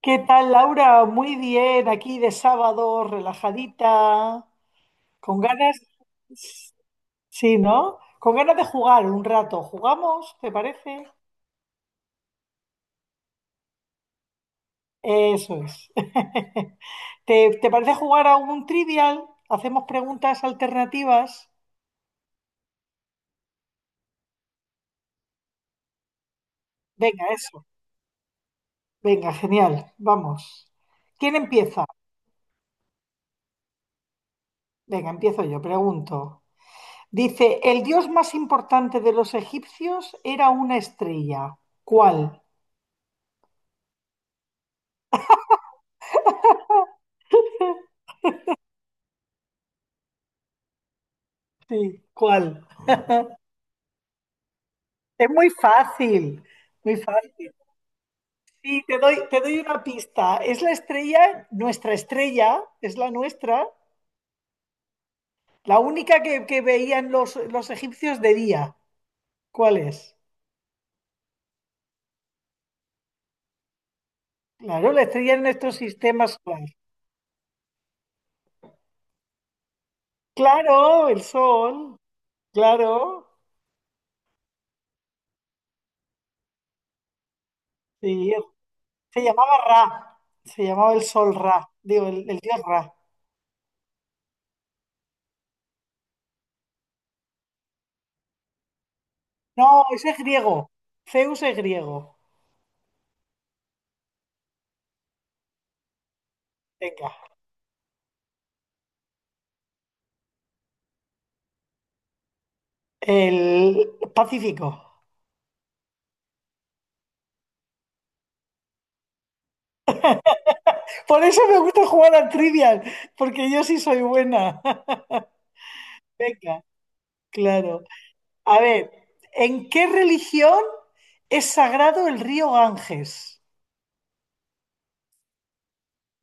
¿Qué tal, Laura? Muy bien, aquí de sábado, relajadita, con ganas, sí, ¿no? Con ganas de jugar un rato. ¿Jugamos? ¿Te parece? Eso es. ¿Te parece jugar a un trivial? ¿Hacemos preguntas alternativas? Venga, eso. Venga, genial. Vamos. ¿Quién empieza? Venga, empiezo yo, pregunto. Dice, el dios más importante de los egipcios era una estrella. ¿Cuál? Sí, ¿cuál? Es muy fácil, muy fácil. Sí, te doy una pista. Es la estrella, nuestra estrella, es la nuestra, la única que veían los egipcios de día. ¿Cuál es? Claro, la estrella en nuestro sistema solar. Claro, el sol, claro. Sí, se llamaba Ra, se llamaba el sol Ra, digo, el dios Ra. No, ese es griego, Zeus es griego. Venga, el Pacífico. Por eso me gusta jugar al trivial, porque yo sí soy buena. Venga, claro. A ver, ¿en qué religión es sagrado el río Ganges?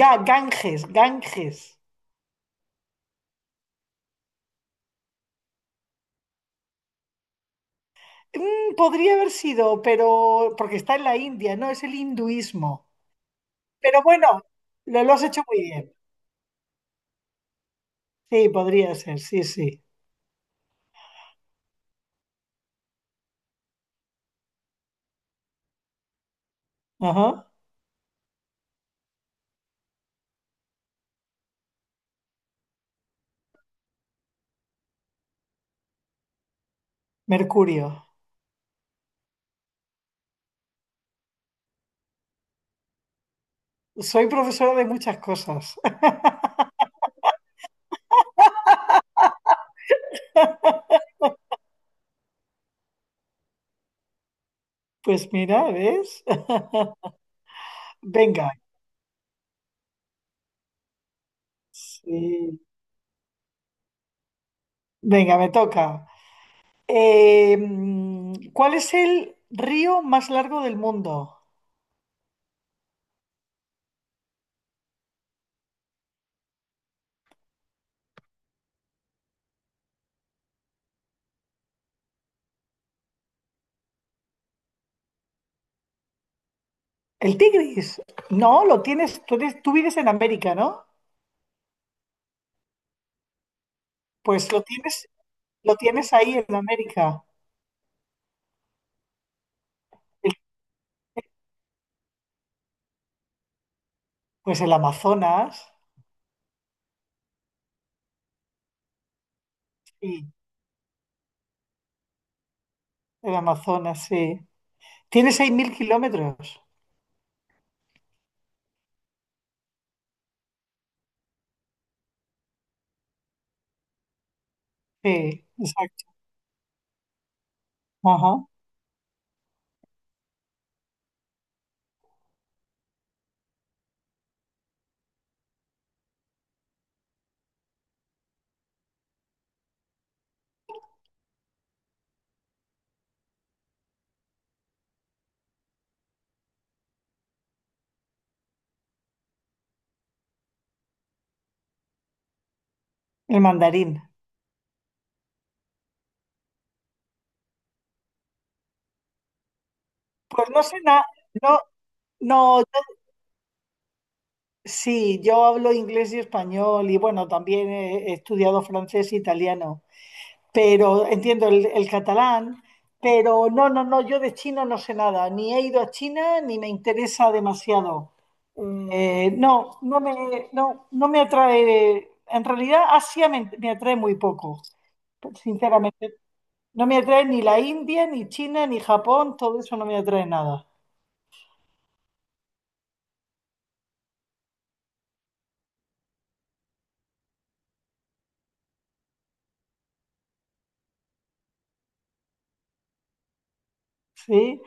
Ganges, Ganges. Mm, podría haber sido, pero porque está en la India, ¿no? Es el hinduismo. Pero bueno, lo has hecho muy bien. Sí, podría ser, sí, sí. Ajá. Mercurio. Soy profesora de muchas cosas. Pues mira, ¿ves? Venga. Sí. Venga, me toca. ¿Cuál es el río más largo del mundo? ¿El Tigris? No, lo tienes, tú, tú vives en América, ¿no? Pues lo tienes ahí en América. El- pues el Amazonas, sí, el Amazonas, sí. Tiene 6.000 kilómetros. Sí, exacto. Ajá. El mandarín. Pues no sé nada, no, no, yo- sí, yo hablo inglés y español y bueno, también he estudiado francés e italiano. Pero entiendo el catalán, pero no, no, no, yo de chino no sé nada, ni he ido a China ni me interesa demasiado. No, no me atrae, en realidad Asia me atrae muy poco, sinceramente. No me atrae ni la India, ni China, ni Japón, todo eso no me atrae nada. ¿Sí?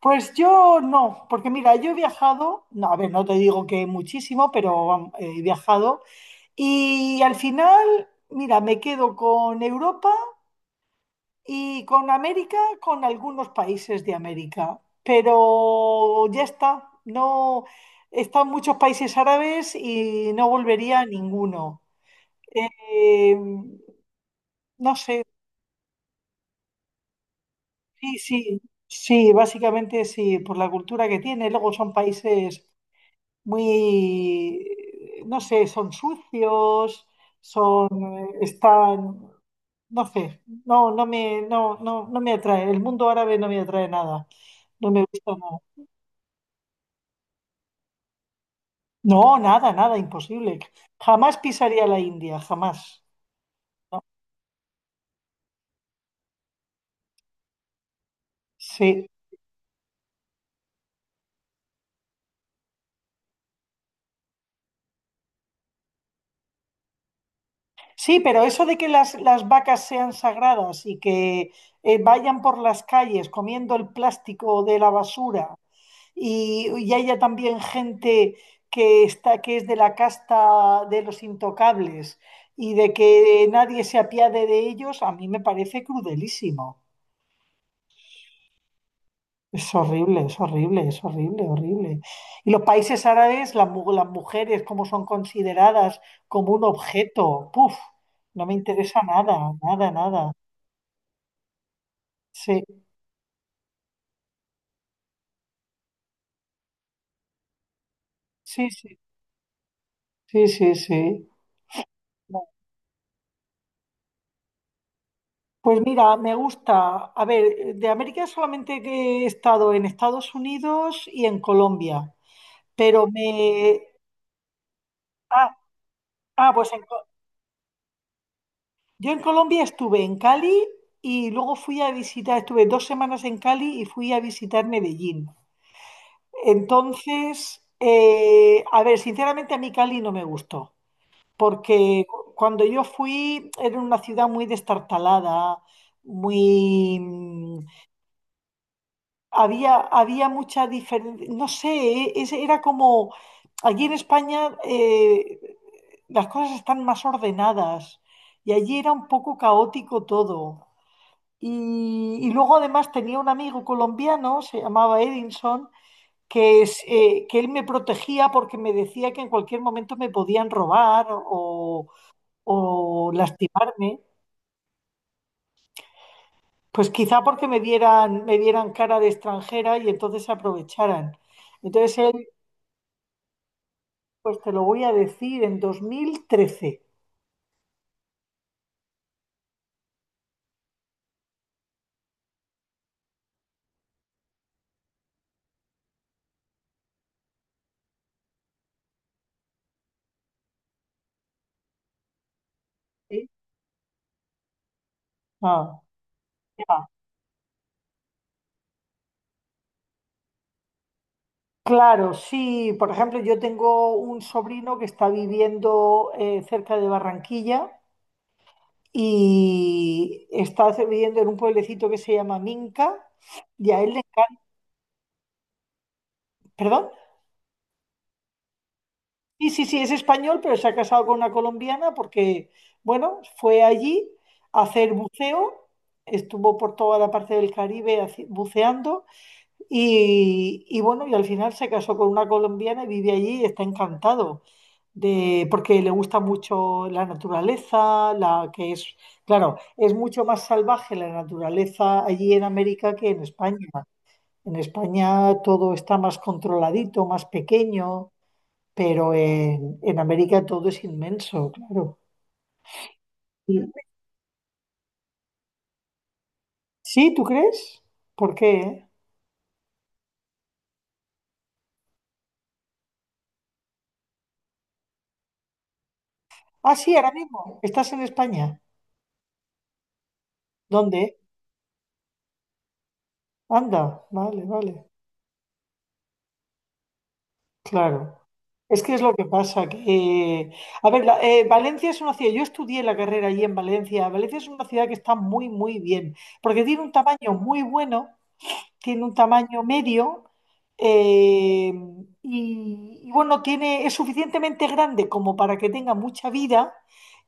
Pues yo no, porque mira, yo he viajado, no, a ver, no te digo que muchísimo, pero vamos, he viajado. Y al final, mira, me quedo con Europa y con América, con algunos países de América. Pero ya está, no he estado en muchos países árabes y no volvería a ninguno. Eh, no sé, sí, sí, sí, básicamente sí, por la cultura que tiene. Luego son países muy, no sé, son sucios, son, están. No sé, no, no, no, no me atrae. El mundo árabe no me atrae nada. No me gusta nada. No, nada, nada, imposible. Jamás pisaría la India, jamás. ¿No? Sí. Sí, pero eso de que las vacas sean sagradas y que vayan por las calles comiendo el plástico de la basura y haya también gente que está, que es de la casta de los intocables y de que nadie se apiade de ellos, a mí me parece crudelísimo. Es horrible, es horrible, es horrible, horrible. Y los países árabes, las, las mujeres, cómo son consideradas como un objeto. Puf, no me interesa nada, nada, nada. Sí, sí, sí, sí, sí, sí. Pues mira, me gusta. A ver, de América solamente que he estado en Estados Unidos y en Colombia, pero me... Ah, ah, Yo en Colombia estuve en Cali y luego fui a visitar, estuve 2 semanas en Cali y fui a visitar Medellín. Entonces, a ver, sinceramente a mí Cali no me gustó, porque cuando yo fui era una ciudad muy destartalada, muy... Había, había mucha diferencia, no sé, era como... Allí en España las cosas están más ordenadas y allí era un poco caótico todo. Y luego además tenía un amigo colombiano, se llamaba Edinson, que, es, que él me protegía porque me decía que en cualquier momento me podían robar o lastimarme. Pues quizá porque me vieran cara de extranjera y entonces se aprovecharan. Entonces él, pues te lo voy a decir, en 2013. ¿Sí? Ah, ya. Claro, sí. Por ejemplo, yo tengo un sobrino que está viviendo cerca de Barranquilla y está viviendo en un pueblecito que se llama Minca y a él le encanta, perdón, sí, sí, sí, es español, pero se ha casado con una colombiana porque, bueno, fue allí a hacer buceo, estuvo por toda la parte del Caribe buceando. Y bueno, y al final se casó con una colombiana y vive allí y está encantado de, porque le gusta mucho la naturaleza, la que es, claro, es mucho más salvaje la naturaleza allí en América que en España. En España todo está más controladito, más pequeño, pero en América todo es inmenso, claro. Sí, sí, ¿tú crees? ¿Por qué? Ah, sí, ahora mismo. ¿Estás en España? ¿Dónde? Anda, vale, vale. Claro. Es que es lo que pasa, que... A ver, Valencia es una ciudad, yo estudié la carrera allí en Valencia, Valencia es una ciudad que está muy, muy bien, porque tiene un tamaño muy bueno, tiene un tamaño medio, eh, y, bueno, tiene, es suficientemente grande como para que tenga mucha vida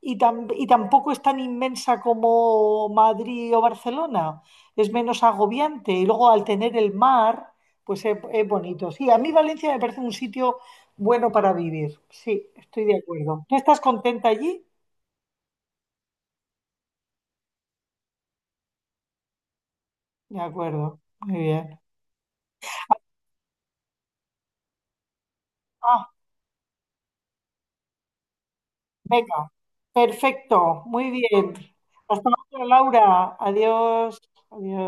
y, y tampoco es tan inmensa como Madrid o Barcelona, es menos agobiante y luego al tener el mar, pues es bonito. Sí, a mí Valencia me parece un sitio bueno para vivir, sí, estoy de acuerdo. ¿Tú estás contenta allí? De acuerdo, muy bien. Venga, perfecto, muy bien. Hasta luego, Laura. Adiós. Adiós.